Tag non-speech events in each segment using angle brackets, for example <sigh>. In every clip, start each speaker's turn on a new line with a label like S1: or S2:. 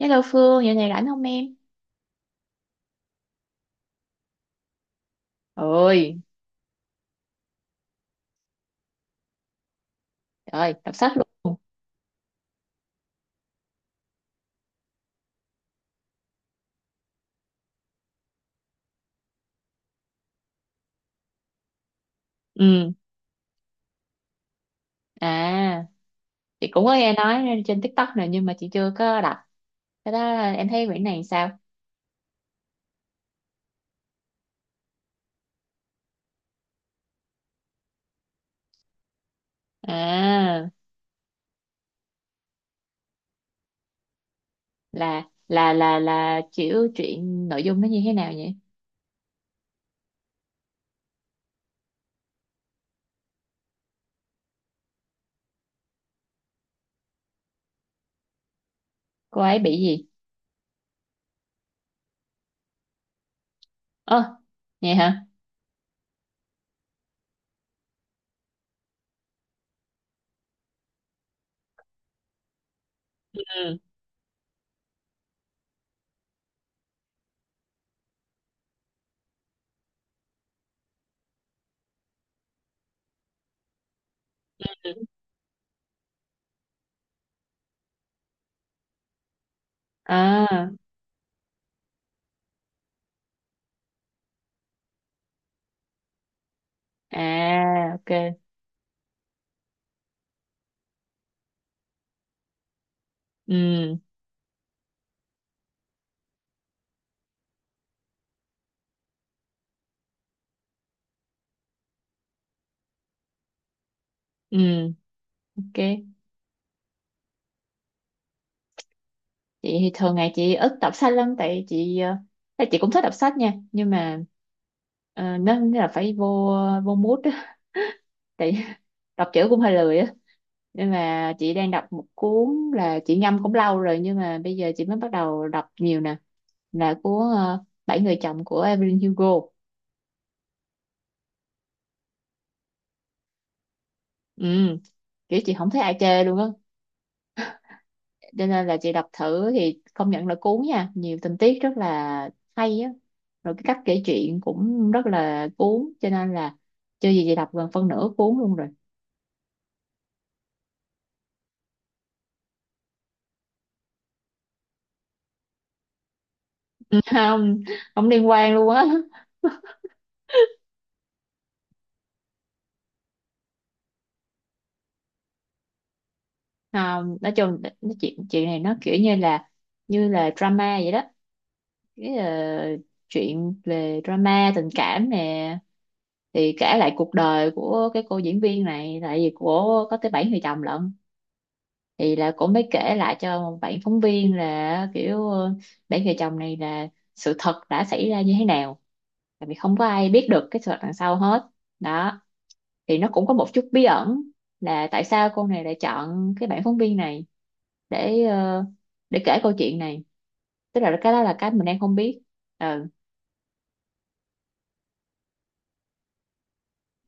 S1: Hello Phương, giờ này rảnh không em? Ôi, trời ơi, đọc sách luôn. Ừ, à, chị cũng có nghe nói trên TikTok này nhưng mà chị chưa có đọc. Cái đó em thấy quyển này sao? À, là chịu chuyện nội dung nó như thế nào vậy? Cô ấy bị gì? Ơ, vậy hả? Ừ. À, à, ok. Ừ, ừ, ok. Chị thì thường ngày chị ít đọc sách lắm tại tại chị cũng thích đọc sách nha nhưng mà nó là phải vô vô mood á tại <laughs> đọc chữ cũng hơi lười á nên mà chị đang đọc một cuốn là chị ngâm cũng lâu rồi nhưng mà bây giờ chị mới bắt đầu đọc nhiều nè, là cuốn Bảy người chồng của Evelyn Hugo. Ừ, kiểu chị không thấy ai chê luôn á, cho nên là chị đọc thử thì công nhận là cuốn nha, nhiều tình tiết rất là hay á, rồi cái cách kể chuyện cũng rất là cuốn, cho nên là chưa gì chị đọc gần phân nửa cuốn luôn rồi. <laughs> Không, không liên quan luôn á. Không, nói chung nó chuyện chuyện này nó kiểu như là drama vậy đó, cái chuyện về drama tình cảm nè, thì kể lại cuộc đời của cái cô diễn viên này tại vì của có tới bảy người chồng lận, thì là cũng mới kể lại cho bạn phóng viên là kiểu bảy vợ chồng này là sự thật đã xảy ra như thế nào, tại vì không có ai biết được cái sự thật đằng sau hết đó, thì nó cũng có một chút bí ẩn là tại sao cô này lại chọn cái bạn phóng viên này để ờ, để kể câu chuyện này, tức là cái đó là cái mình đang không biết. Ừ,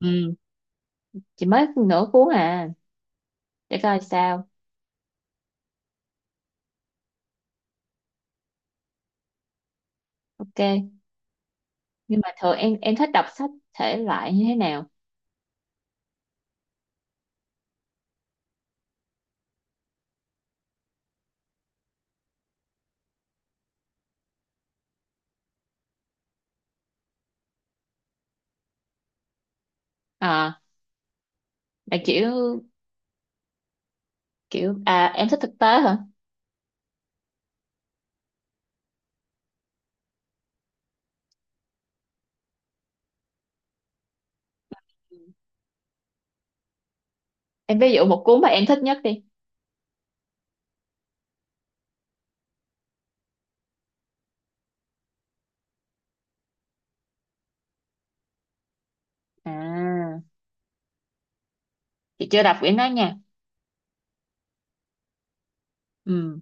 S1: ừ, chỉ mới nửa cuốn à, để coi sao, ok. Nhưng mà thường em thích đọc sách thể loại như thế nào? À, là kiểu kiểu à em thích thực tế hả? Em ví dụ một cuốn mà em thích nhất đi. À, chị chưa đọc quyển đó nha. Ừ,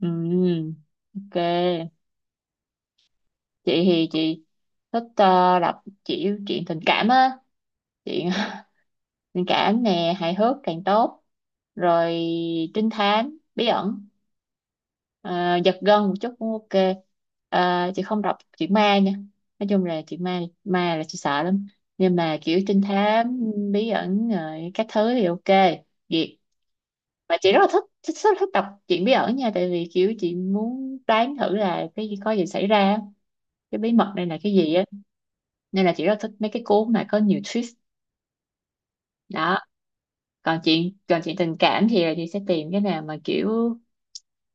S1: ừ, ok. Chị thì chị thích đọc chuyện tình cảm á. Chuyện <laughs> tình cảm nè, hài hước càng tốt. Rồi trinh thám, bí ẩn, ờ, giật gân một chút cũng ok. Ờ, chị không đọc chuyện ma nha. Nói chung là chuyện ma, ma là chị sợ lắm. Nhưng mà kiểu trinh thám, bí ẩn, rồi các thứ thì ok. Duyệt. Mà chị rất là thích đọc truyện bí ẩn nha, tại vì kiểu chị muốn đoán thử là cái gì có gì xảy ra, cái bí mật này là cái gì á, nên là chị rất là thích mấy cái cuốn mà có nhiều twist đó. Còn chuyện, tình cảm thì là chị sẽ tìm cái nào mà kiểu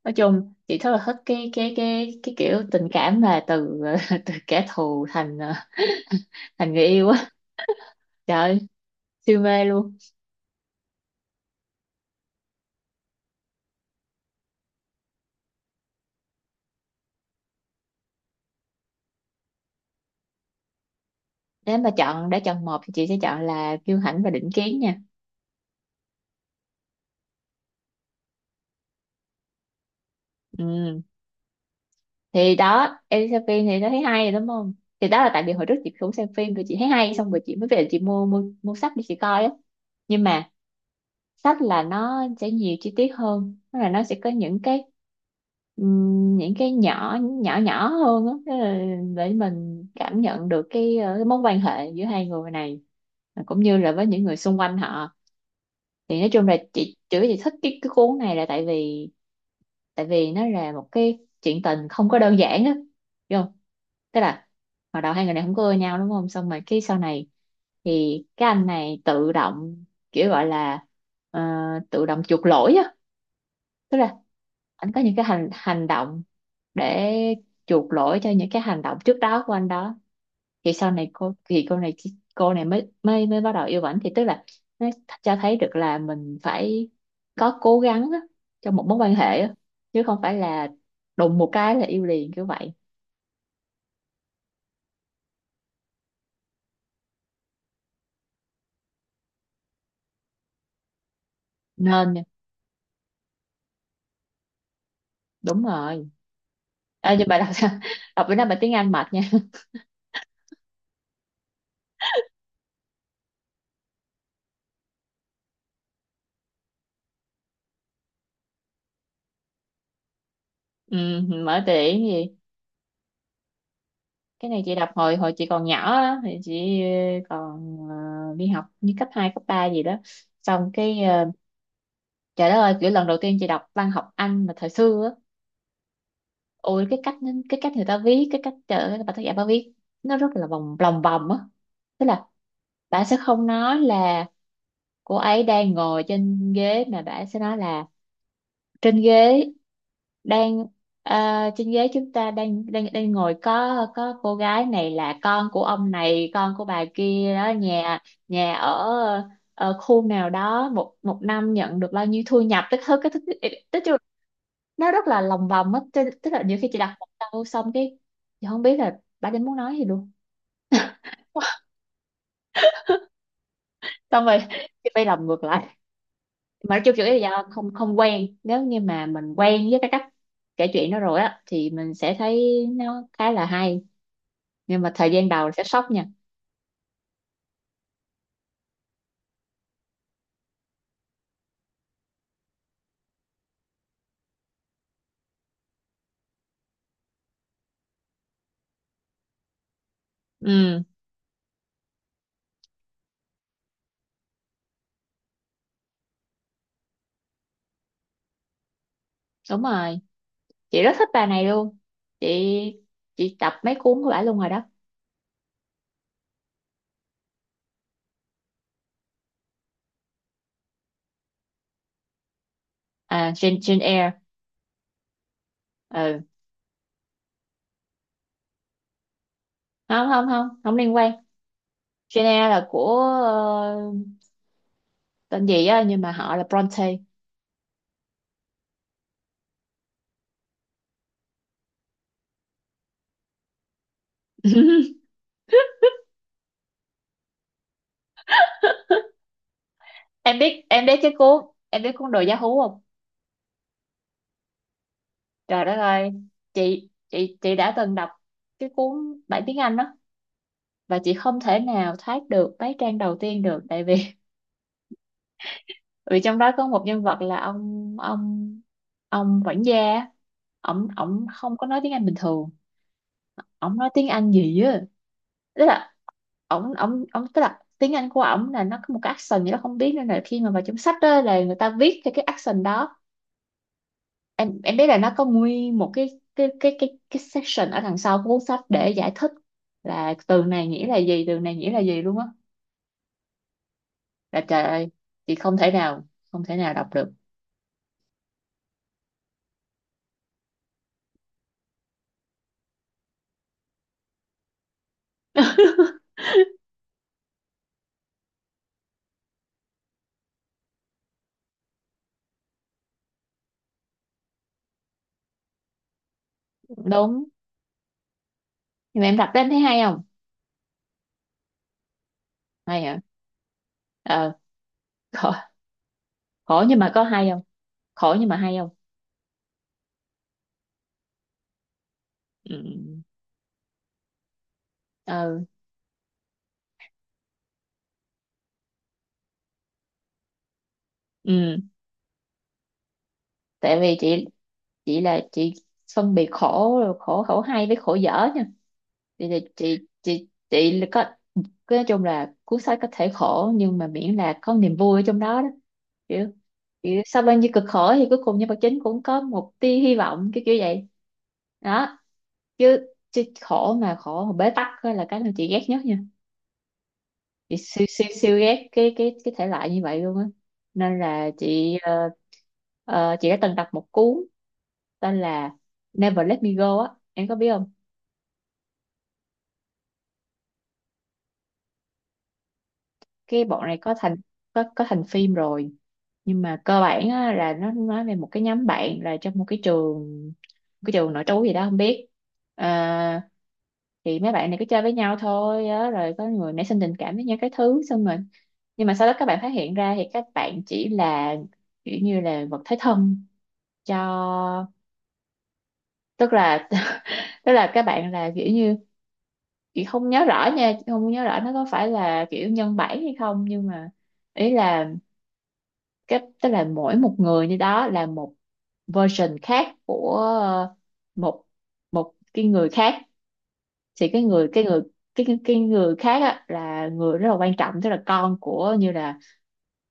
S1: nói chung chị rất là thích cái kiểu tình cảm mà từ <laughs> từ kẻ thù thành thành người yêu á. Trời ơi, siêu mê luôn. Nếu mà đã chọn một thì chị sẽ chọn là Kiêu Hãnh và Định Kiến nha. Ừ, thì đó em đi xem phim thì nó thấy hay đúng không, thì đó là tại vì hồi trước chị cũng xem phim rồi chị thấy hay, xong rồi chị mới về chị mua mua mua sách để chị coi á. Nhưng mà sách là nó sẽ nhiều chi tiết hơn, tức là nó sẽ có những cái, những cái nhỏ nhỏ nhỏ hơn á. Tức là để mình cảm nhận được cái mối quan hệ giữa hai người này, cũng như là với những người xung quanh họ. Thì nói chung là chị, chữ chị thích cái cuốn này là tại vì, tại vì nó là một cái chuyện tình không có đơn giản á, hiểu không, tức là hồi đầu hai người này không có ưa nhau đúng không, xong rồi cái sau này thì cái anh này tự động kiểu gọi là, ờ, tự động chuộc lỗi á, tức là anh có những cái hành hành động để chuộc lỗi cho những cái hành động trước đó của anh đó. Thì sau này cô này mới mới mới bắt đầu yêu ảnh, thì tức là nó cho thấy được là mình phải có cố gắng á, trong một mối quan hệ á, chứ không phải là đùng một cái là yêu liền kiểu vậy. Nên nha, đúng rồi. À, nhưng bà đọc sao <laughs> đọc bữa nay bà tiếng Anh mệt nha. <laughs> Ừ, mở từ điển gì. Cái này chị đọc hồi hồi chị còn nhỏ á, thì chị còn đi học như cấp 2 cấp 3 gì đó, xong cái trời đất ơi, kiểu lần đầu tiên chị đọc văn học Anh mà thời xưa á, ôi cái cách, người ta viết cái cách bà tác giả bà viết, nó rất là lòng vòng á, tức là bà sẽ không nói là cô ấy đang ngồi trên ghế mà bà sẽ nói là trên ghế đang trên ghế chúng ta đang đang đang ngồi, có cô gái này là con của ông này, con của bà kia đó, nhà nhà ở khu nào đó, một một năm nhận được bao nhiêu thu nhập, tức thứ cái thứ tức nó rất là lòng vòng á, tức tức là nhiều khi chị đặt một câu xong cái chị không biết là bà đến muốn nói gì luôn. Xong rồi <laughs> chị phải làm ngược lại. Mà nói chung chủ yếu là do không không quen, nếu như mà mình quen với cái cách kể chuyện đó rồi á thì mình sẽ thấy nó khá là hay, nhưng mà thời gian đầu sẽ sốc nha. Ừ, đúng rồi, chị rất thích bà này luôn. Chị chị đọc mấy cuốn của bà luôn rồi đó. À, Jane Eyre. Ừ, không, không, không, không liên quan. Jane Eyre là của tên gì á nhưng mà họ là Bronte. <laughs> Em biết cái cuốn em biết cuốn đồ giá hú không? Trời đất ơi, chị đã từng đọc cái cuốn bản tiếng Anh đó, và chị không thể nào thoát được mấy trang đầu tiên được, tại vì <laughs> vì trong đó có một nhân vật là ông quản gia, ổng ổng không có nói tiếng Anh bình thường, ổng nói tiếng Anh gì á, tức là ổng ổng ổng tức là tiếng Anh của ổng là nó có một cái accent gì đó không biết, nên là khi mà vào trong sách đó là người ta viết theo cái accent đó. Em biết là nó có nguyên một cái section ở đằng sau của cuốn sách để giải thích là từ này nghĩa là gì, từ này nghĩa là gì luôn á. Là trời ơi, chị không thể nào, không thể nào đọc được. <laughs> Đúng. Nhưng mà em đọc đến thấy hay không? Hay hả? ờ Khổ, khổ nhưng mà có hay không? Khổ nhưng mà hay không? Ừ, ừ, ừ. Tại vì chị phân biệt khổ khổ khổ hay với khổ dở nha. Thì chị là có cái, nói chung là cuốn sách có thể khổ nhưng mà miễn là có niềm vui ở trong đó đó, kiểu, kiểu sau bao nhiêu cực khổ thì cuối cùng nhân vật chính cũng có một tia hy vọng cái kiểu vậy đó. Chứ chứ khổ mà, bế tắc á là cái mà chị ghét nhất nha. Chị siêu siêu siêu ghét cái thể loại như vậy luôn á, nên là chị đã từng đọc một cuốn tên là Never Let Me Go á, em có biết không? Cái bọn này có thành, có thành phim rồi, nhưng mà cơ bản á, là nó nói về một cái nhóm bạn là trong một cái trường, nội trú gì đó không biết. À, thì mấy bạn này cứ chơi với nhau thôi á, rồi có người nảy sinh tình cảm với nhau cái thứ xong rồi, nhưng mà sau đó các bạn phát hiện ra thì các bạn chỉ là kiểu như là vật thế thân cho, tức là <laughs> tức là các bạn là kiểu như, chị không nhớ rõ nha, không nhớ rõ nó có phải là kiểu nhân bản hay không, nhưng mà ý là cái, tức là mỗi một người như đó là một version khác của một, cái người khác, thì cái người, cái người khác á, là người rất là quan trọng, tức là con của như là,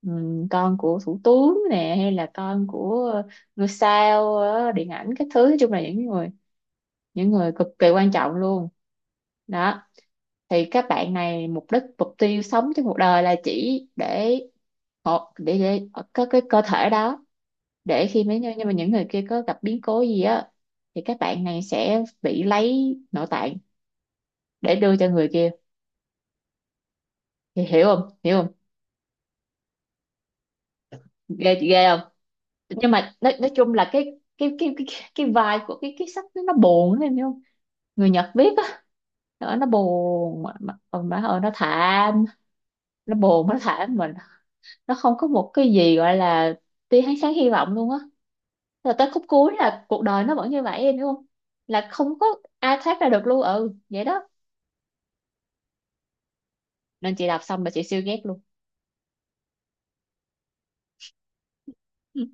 S1: con của thủ tướng nè, hay là con của ngôi sao điện ảnh các thứ, nói chung là những người, cực kỳ quan trọng luôn. Đó, thì các bạn này mục đích mục tiêu sống trong cuộc đời là chỉ để để có cái cơ thể đó, để khi mấy nhưng mà những người kia có gặp biến cố gì á thì các bạn này sẽ bị lấy nội tạng để đưa cho người kia. Thì hiểu không, hiểu không? Ghê chị, ghê không? Nhưng mà nói chung là cái vibe của cái sách nó, buồn em hiểu không? Người Nhật viết á. Nó buồn mà, mà hồi nó thảm, nó buồn nó thảm mình, nó không có một cái gì gọi là tia ánh sáng hy vọng luôn á, rồi tới khúc cuối là cuộc đời nó vẫn như vậy em hiểu không, là không có ai thoát ra được luôn, ừ vậy đó, nên chị đọc xong mà chị siêu ghét luôn. Ừ.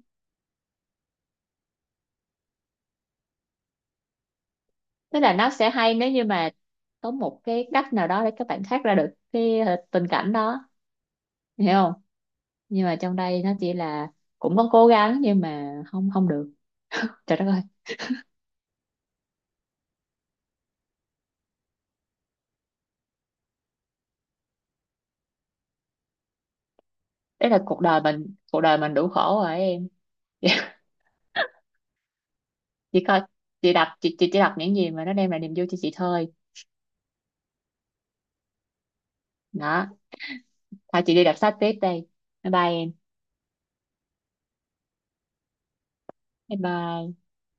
S1: Tức là nó sẽ hay nếu như mà có một cái cách nào đó để các bạn thoát ra được cái tình cảnh đó, hiểu không, nhưng mà trong đây nó chỉ là cũng có cố gắng nhưng mà không không được. Trời đất ơi, đấy là cuộc đời mình, cuộc đời mình đủ khổ rồi em. <laughs> chị coi chị chị chỉ đọc những gì mà nó đem lại niềm vui cho chị thôi đó. Thôi chị đi đọc sách tiếp đây, bye bye em, bye bye.